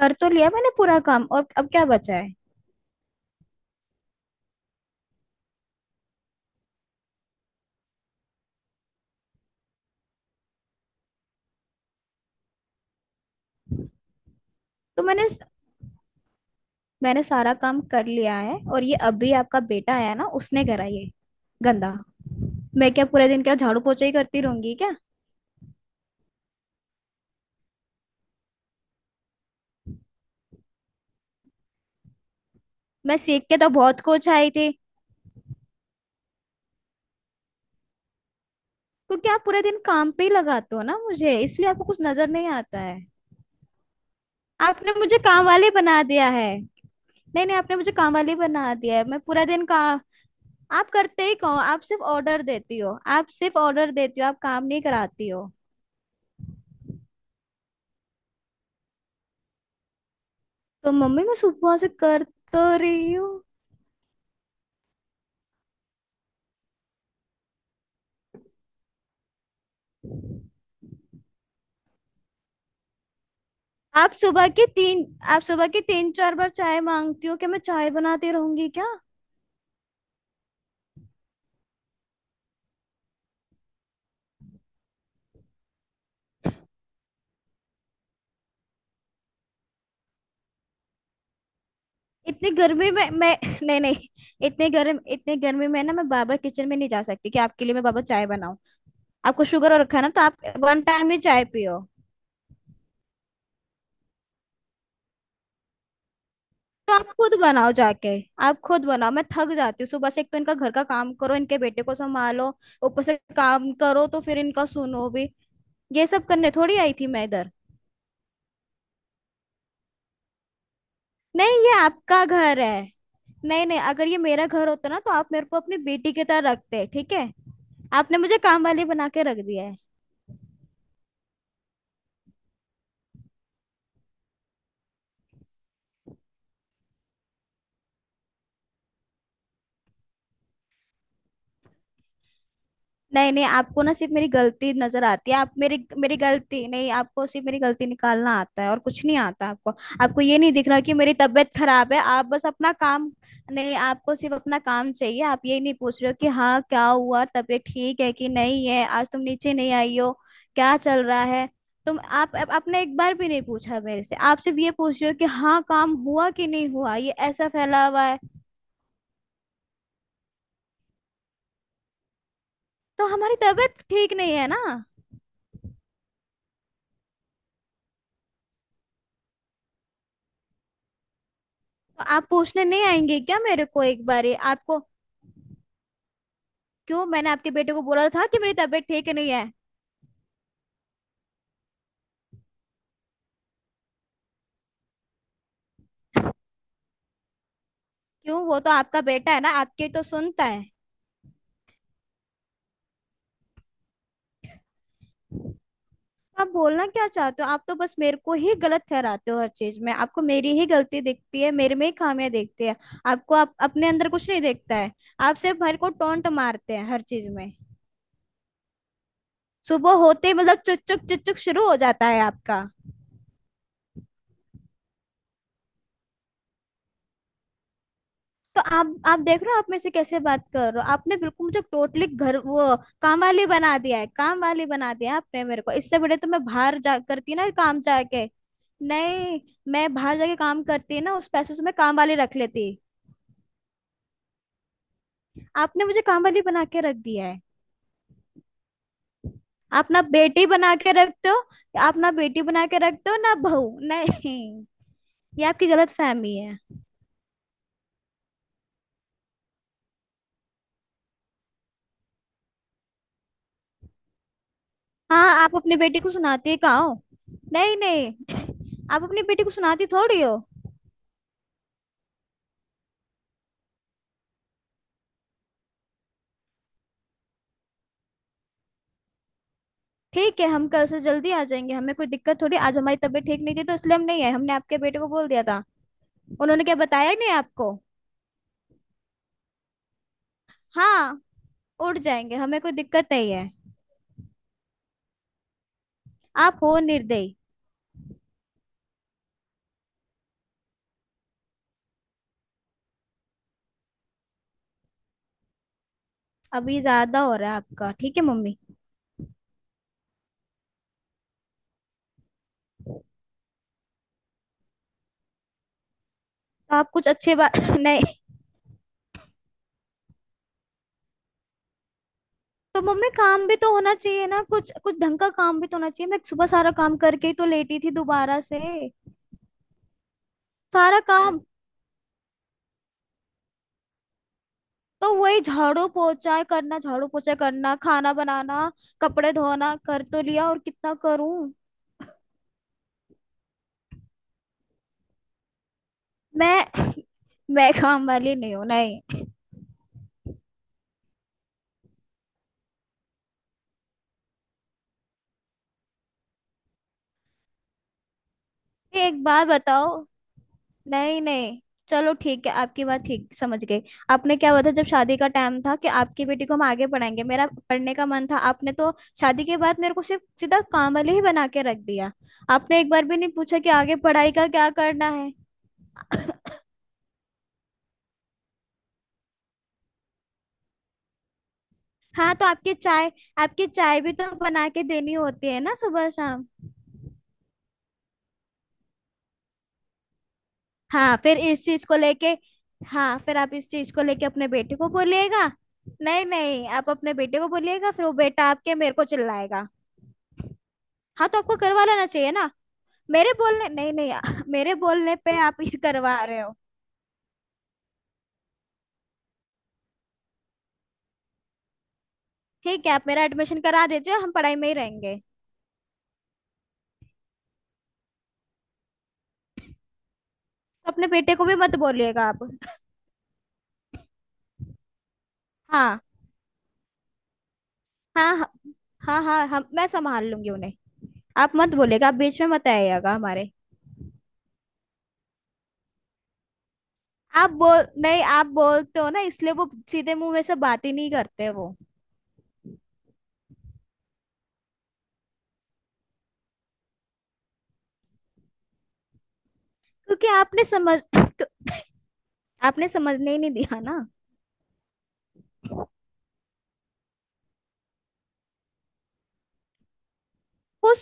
कर तो लिया मैंने पूरा काम। और अब क्या बचा है? तो मैंने मैंने सारा काम कर लिया है। और ये अभी आपका बेटा आया ना, उसने करा ये गंदा। मैं क्या पूरे दिन क्या झाड़ू पोछा ही करती रहूंगी क्या? मैं सीख के तो बहुत कुछ आई थी। क्योंकि आप पूरे दिन काम पे ही लगाते हो ना मुझे, इसलिए आपको कुछ नजर नहीं आता है। आपने मुझे काम वाली बना दिया है। नहीं नहीं, आपने मुझे काम वाली बना दिया है। मैं पूरा दिन काम। आप करते ही कहो। आप सिर्फ ऑर्डर देती हो, आप सिर्फ ऑर्डर देती हो, आप काम नहीं कराती हो। तो मम्मी मैं सुबह से कर तो रही हूँ। आप सुबह के तीन। आप सुबह के तीन चार बार चाय मांगती हो, क्या मैं चाय बनाती रहूंगी क्या? इतनी गर्मी में मैं नहीं नहीं। इतने गर्म इतने गर्मी में ना मैं बाबा किचन में नहीं जा सकती कि आपके लिए मैं बाबा चाय बनाऊं। आपको शुगर हो रखा है ना, तो आप वन टाइम ही चाय पियो। तो आप खुद बनाओ जाके। आप खुद बनाओ, मैं थक जाती हूँ सुबह से। एक तो इनका घर का काम करो, इनके बेटे को संभालो, ऊपर से काम करो, तो फिर इनका सुनो भी। ये सब करने थोड़ी आई थी मैं इधर। नहीं, ये आपका घर है। नहीं नहीं, अगर ये मेरा घर होता ना, तो आप मेरे को अपनी बेटी की तरह रखते। ठीक है। आपने मुझे काम वाली बना के रख दिया है। नहीं नहीं, आपको ना सिर्फ मेरी गलती नजर आती है। आप मेरी मेरी गलती नहीं, आपको सिर्फ मेरी गलती निकालना आता है, और कुछ नहीं आता आपको। आपको ये नहीं दिख रहा कि मेरी तबीयत खराब है। आप बस अपना काम। नहीं, आपको सिर्फ अपना काम चाहिए। आप ये नहीं पूछ रहे हो कि हाँ, क्या हुआ, तबीयत ठीक है कि नहीं है, आज तुम नीचे नहीं आई हो, क्या चल रहा है। तुम आपने एक बार भी नहीं पूछा मेरे से। आप सिर्फ ये पूछ रहे हो कि हाँ, काम हुआ कि नहीं हुआ, ये ऐसा फैला हुआ है। तो हमारी तबीयत ठीक नहीं है ना। तो आप पूछने नहीं आएंगे क्या मेरे को एक बारी आपको। क्यों? मैंने आपके बेटे को बोला था कि मेरी तबीयत ठीक नहीं है। क्यों, वो तो आपका बेटा है ना, आपके तो सुनता है। तो आप बोलना क्या चाहते हो? आप तो बस मेरे को ही गलत ठहराते हो, हर चीज में आपको मेरी ही गलती दिखती है, मेरे में ही खामियां दिखती है। आपको आप अपने अंदर कुछ नहीं दिखता है। आप सिर्फ मेरे को टोंट मारते हैं हर चीज में। सुबह होते ही मतलब चुक चुक चुक चुक शुरू हो जाता है आपका। तो आप देख रहे हो आप में से कैसे बात कर रहे हो। आपने बिल्कुल मुझे टोटली घर वो काम वाली बना दिया है। काम वाली बना दिया है आपने मेरे को। इससे बड़े तो मैं बाहर जा करती ना काम जाके। नहीं, मैं बाहर जाके काम करती ना, उस पैसों से मैं काम वाली रख लेती। आपने मुझे काम वाली बना के रख दिया है। आप ना बेटी बना के रखते हो। आप ना बेटी बना के रखते हो ना बहू, नहीं। ये आपकी गलत फहमी है। हाँ, आप अपनी बेटी को सुनाते कहाँ हो? नहीं नहीं, आप अपनी बेटी को सुनाती थोड़ी हो। ठीक है, हम कल से जल्दी आ जाएंगे, हमें कोई दिक्कत थोड़ी। आज हमारी तबीयत ठीक नहीं थी तो इसलिए हम नहीं आए, हमने आपके बेटे को बोल दिया था। उन्होंने क्या बताया ही नहीं आपको? हाँ। उड़ जाएंगे, हमें कोई दिक्कत नहीं है। आप हो निर्दयी। अभी ज्यादा हो रहा है आपका, ठीक है मम्मी। तो आप कुछ अच्छे बात नहीं। तो मम्मी काम भी तो होना चाहिए ना, कुछ कुछ ढंग का काम भी तो होना चाहिए। मैं सुबह सारा काम करके ही तो लेटी थी दोबारा से। सारा काम तो वही झाड़ू पोछा करना, झाड़ू पोछा करना, खाना बनाना, कपड़े धोना, कर तो लिया, और कितना करूं? मैं मैं काम वाली नहीं हूँ। नहीं। एक बात बताओ। नहीं नहीं, चलो ठीक है, आपकी बात ठीक समझ गई। आपने क्या बताया जब शादी का टाइम था? कि आपकी बेटी को हम आगे पढ़ाएंगे। मेरा पढ़ने का मन था। आपने तो शादी के बाद मेरे को सिर्फ सीधा काम वाले ही बना के रख दिया। आपने एक बार भी नहीं पूछा कि आगे पढ़ाई का क्या करना है। हाँ तो आपकी चाय। आपकी चाय भी तो बना के देनी होती है ना सुबह शाम। हाँ फिर इस चीज को लेके। हाँ फिर आप इस चीज को लेके अपने बेटे को बोलिएगा। नहीं नहीं, आप अपने बेटे को बोलिएगा, फिर वो बेटा आपके, मेरे को चिल्लाएगा। हाँ, तो आपको करवा लेना चाहिए ना। मेरे बोलने नहीं नहीं, मेरे बोलने पे आप ये करवा रहे हो। ठीक है, आप मेरा एडमिशन करा दीजिए, हम पढ़ाई में ही रहेंगे। तो अपने बेटे को भी मत बोलिएगा आप। हाँ हाँ हाँ हाँ हाँ। हम मैं संभाल लूंगी उन्हें। आप मत बोलिएगा, आप बीच में मत आइएगा हमारे। आप बोल नहीं, आप बोलते हो ना, इसलिए वो सीधे मुंह में से बात ही नहीं करते वो। क्योंकि आपने समझने ही नहीं दिया ना। उस,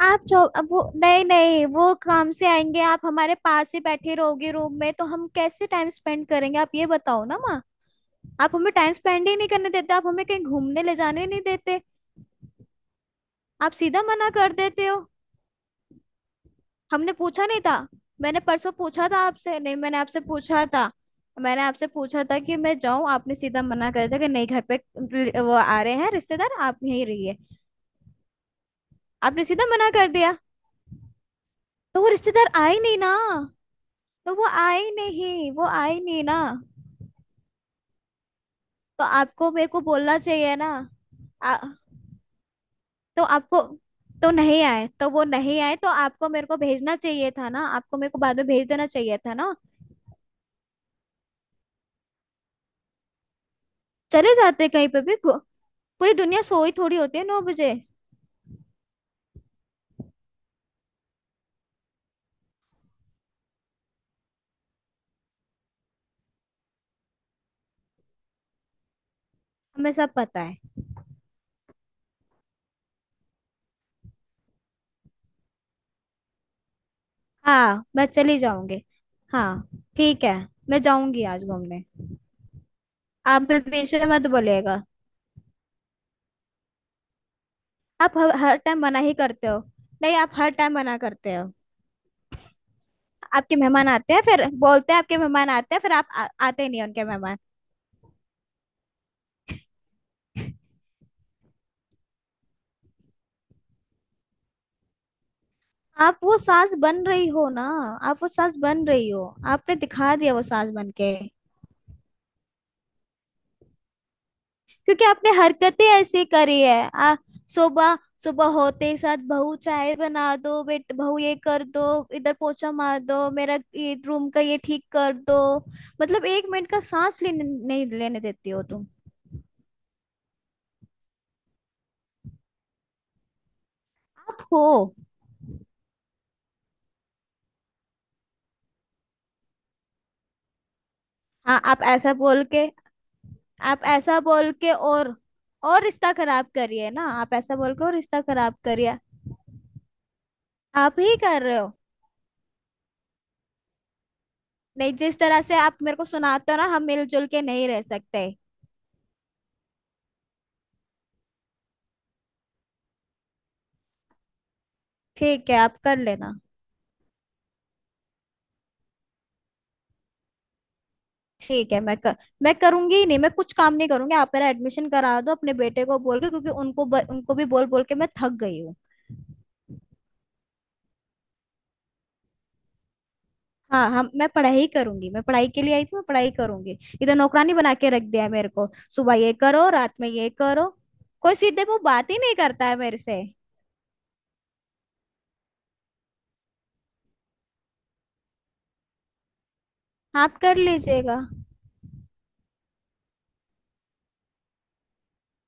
आप जो, अब वो नहीं नहीं, वो काम से आएंगे। आप हमारे पास ही बैठे रहोगे रूम में, तो हम कैसे टाइम स्पेंड करेंगे, आप ये बताओ ना माँ। आप हमें टाइम स्पेंड ही नहीं करने देते, आप हमें कहीं घूमने ले जाने नहीं देते। आप सीधा मना कर देते हो। हमने पूछा नहीं था? मैंने परसों पूछा था आपसे, नहीं, मैंने आपसे पूछा था। मैंने आपसे पूछा था कि मैं जाऊं, आपने सीधा मना कर दिया कि नहीं, घर पे वो आ रहे हैं रिश्तेदार, आप यहीं रहिए। आपने सीधा मना कर दिया। तो वो रिश्तेदार आए नहीं ना। तो वो आए नहीं, वो आए नहीं ना। तो आपको मेरे को बोलना चाहिए ना। आ, तो आपको तो नहीं आए, तो वो नहीं आए, तो आपको मेरे को भेजना चाहिए था ना। आपको मेरे को बाद में भेज देना चाहिए था ना। चले जाते कहीं पे भी पूरी दुनिया सोई थोड़ी होती है 9 बजे। हमें सब पता है। हाँ, मैं चली जाऊंगी। हाँ, ठीक है। मैं जाऊंगी आज घूमने। आप भी बीच में मत बोलिएगा। आप हर हर टाइम मना ही करते हो। नहीं, आप हर टाइम मना करते हो। आपके मेहमान आते हैं फिर बोलते हैं, आपके मेहमान आते हैं फिर आप आते नहीं हैं उनके मेहमान। आप वो सास बन रही हो ना। आप वो सास बन रही हो। आपने दिखा दिया वो सास बन के। क्योंकि आपने हरकतें ऐसी करी है। सुबह, सुबह होते ही साथ बहू चाय बना दो, बेट बहू ये कर दो। इधर पोछा मार दो, मेरा ये रूम का ये ठीक कर दो, मतलब एक मिनट का सांस लेने नहीं लेने देती हो तुम। आप हो। हाँ, आप ऐसा बोल के और रिश्ता खराब करिए ना। आप ऐसा बोल के और रिश्ता खराब करिए। आप ही कर रहे हो। नहीं, जिस तरह से आप मेरे को सुनाते हो ना, हम मिलजुल के नहीं रह सकते। ठीक है, आप कर लेना। ठीक है, मैं करूंगी ही नहीं, मैं कुछ काम नहीं करूंगी। आप मेरा एडमिशन करा दो अपने बेटे को बोल के, क्योंकि उनको भी बोल बोल के मैं थक गई हूँ। हाँ, हम मैं पढ़ाई करूंगी, मैं पढ़ाई के लिए आई थी, मैं पढ़ाई करूंगी, इधर नौकरानी बना के रख दिया है मेरे को। सुबह ये करो, रात में ये करो। कोई सीधे मुंह बात ही नहीं करता है मेरे से। आप कर लीजिएगा।